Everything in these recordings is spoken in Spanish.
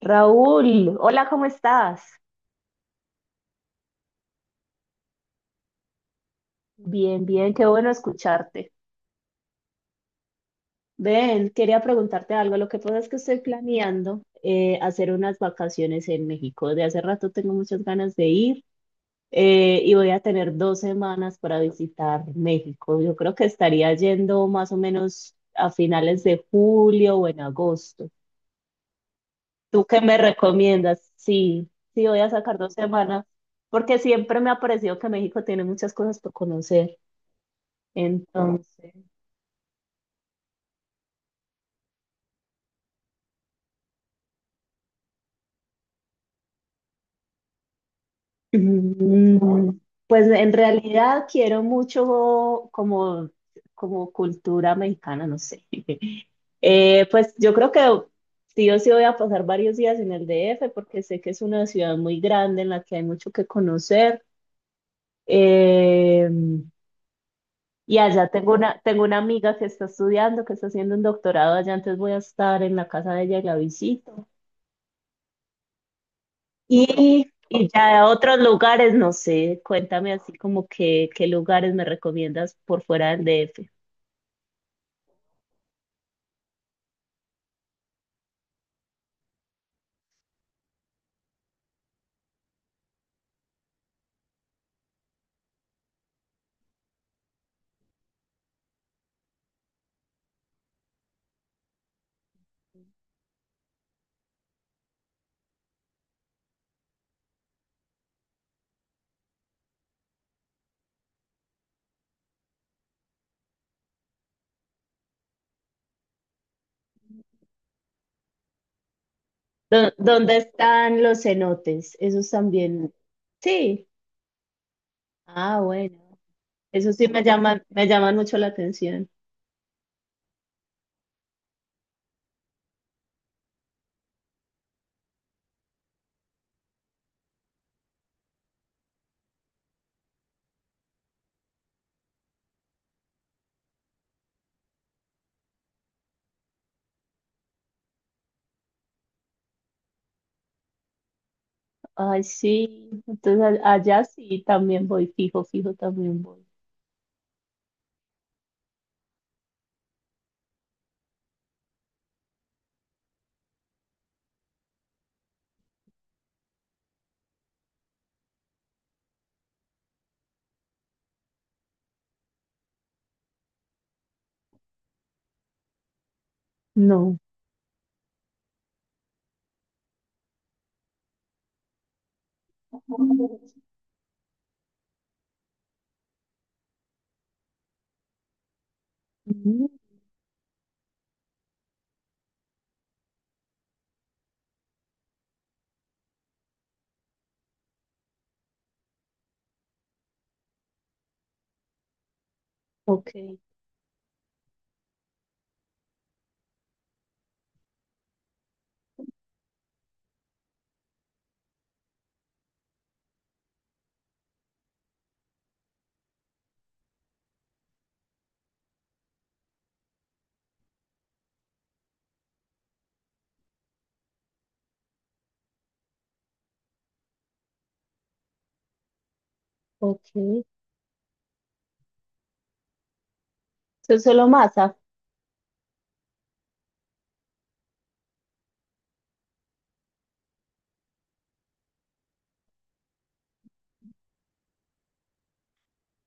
Raúl, hola, ¿cómo estás? Bien, bien, qué bueno escucharte. Ven, quería preguntarte algo. Lo que pasa es que estoy planeando hacer unas vacaciones en México. De hace rato tengo muchas ganas de ir y voy a tener dos semanas para visitar México. Yo creo que estaría yendo más o menos a finales de julio o en agosto. ¿Tú qué me recomiendas? Sí, sí, voy a sacar dos semanas porque siempre me ha parecido que México tiene muchas cosas por conocer. Entonces, mm, pues en realidad quiero mucho como, como cultura mexicana, no sé. Pues yo creo que sí o sí voy a pasar varios días en el DF porque sé que es una ciudad muy grande en la que hay mucho que conocer. Eh, y allá tengo una amiga que está estudiando, que está haciendo un doctorado allá, entonces voy a estar en la casa de ella y la visito. Y ya a otros lugares, no sé, cuéntame así como que, qué lugares me recomiendas por fuera del DF. ¿Dónde están los cenotes? Esos también. Sí. Ah, bueno. Esos sí me llaman mucho la atención. Ay, sí. Entonces allá sí también voy, fijo, fijo también voy. No. Mm. Ok, ok. Eso es solo masa.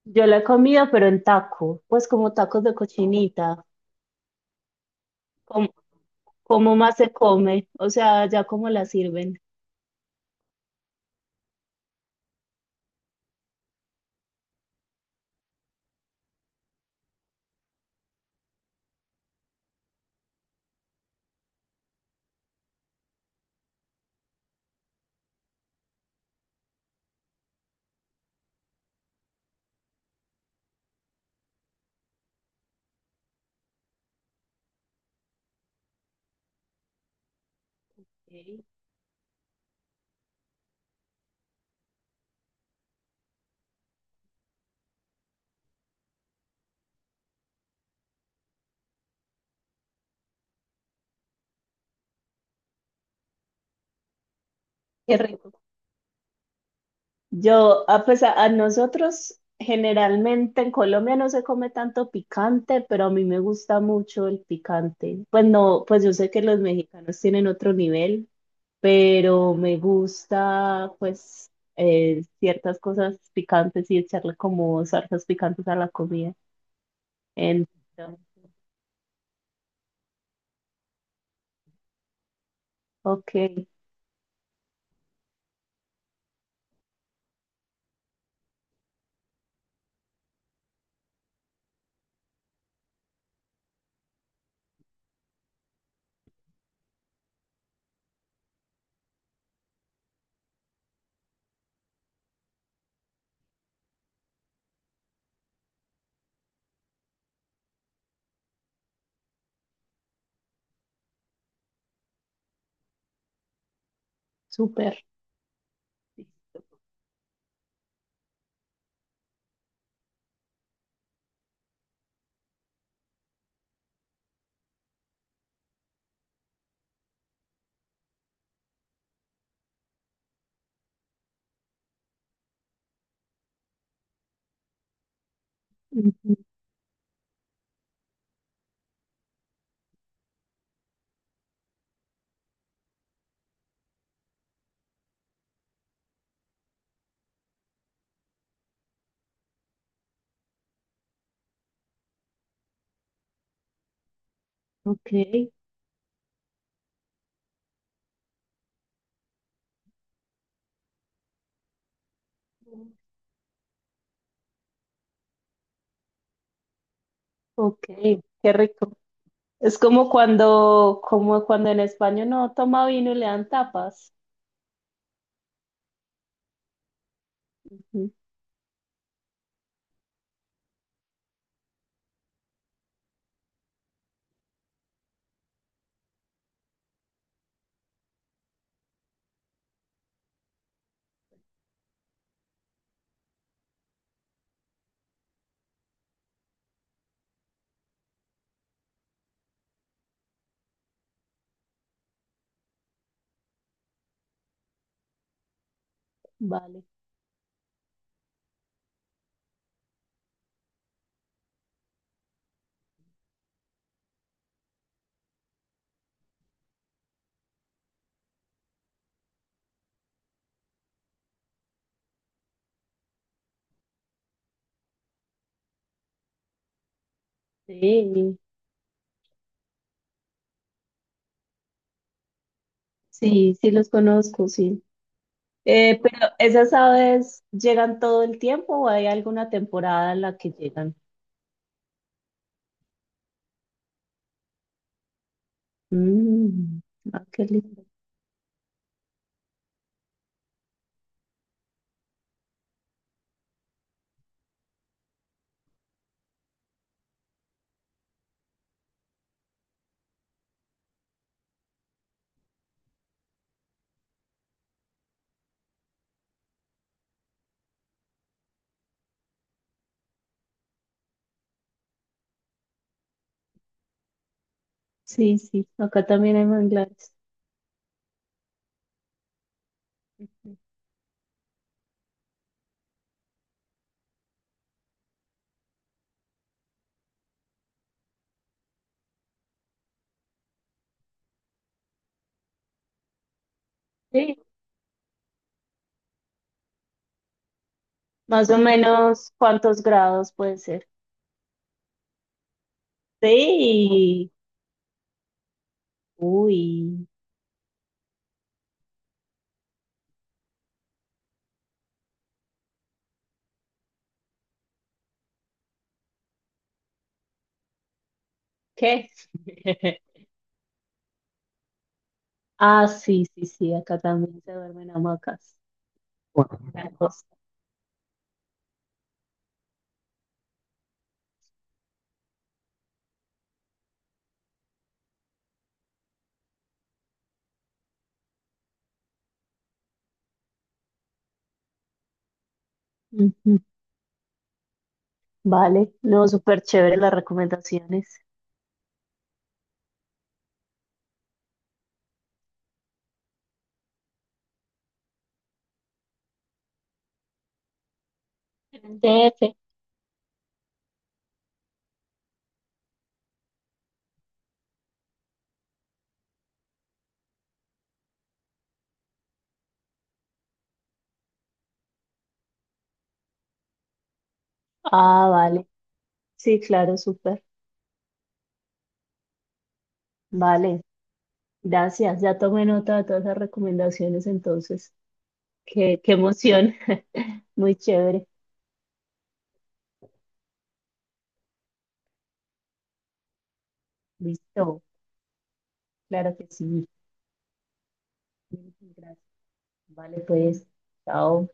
Yo la he comido, pero en taco. Pues como tacos de cochinita. ¿Cómo más se come? O sea, ya cómo la sirven. Ok. Qué rico. Yo, ah, pues a nosotros generalmente en Colombia no se come tanto picante, pero a mí me gusta mucho el picante. Pues no, pues yo sé que los mexicanos tienen otro nivel, pero me gusta pues ciertas cosas picantes y echarle como salsas picantes a la comida. Entonces, ok, súper. Ujú. Ok. Ok, qué rico. Es como cuando en España no toma vino y le dan tapas. Ujú. Vale. Sí, sí, sí los conozco, sí. Pero esas aves llegan todo el tiempo o hay alguna temporada en la que llegan. Mm, ah, qué lindo. Sí, sí, acá también hay manglares. Sí, más o menos cuántos grados puede ser. Sí, uy, ¿qué? Ah, sí, sí, sí, acá también se duermen hamacas. Una cosa. Ujú. Vale, no, súper chévere las recomendaciones. En DF. Ah, vale, sí, claro, súper. Vale, gracias. Ya tomé nota de todas las recomendaciones entonces. Qué, qué emoción. Muy chévere. Listo, claro que sí. Gracias. Vale, pues, chao.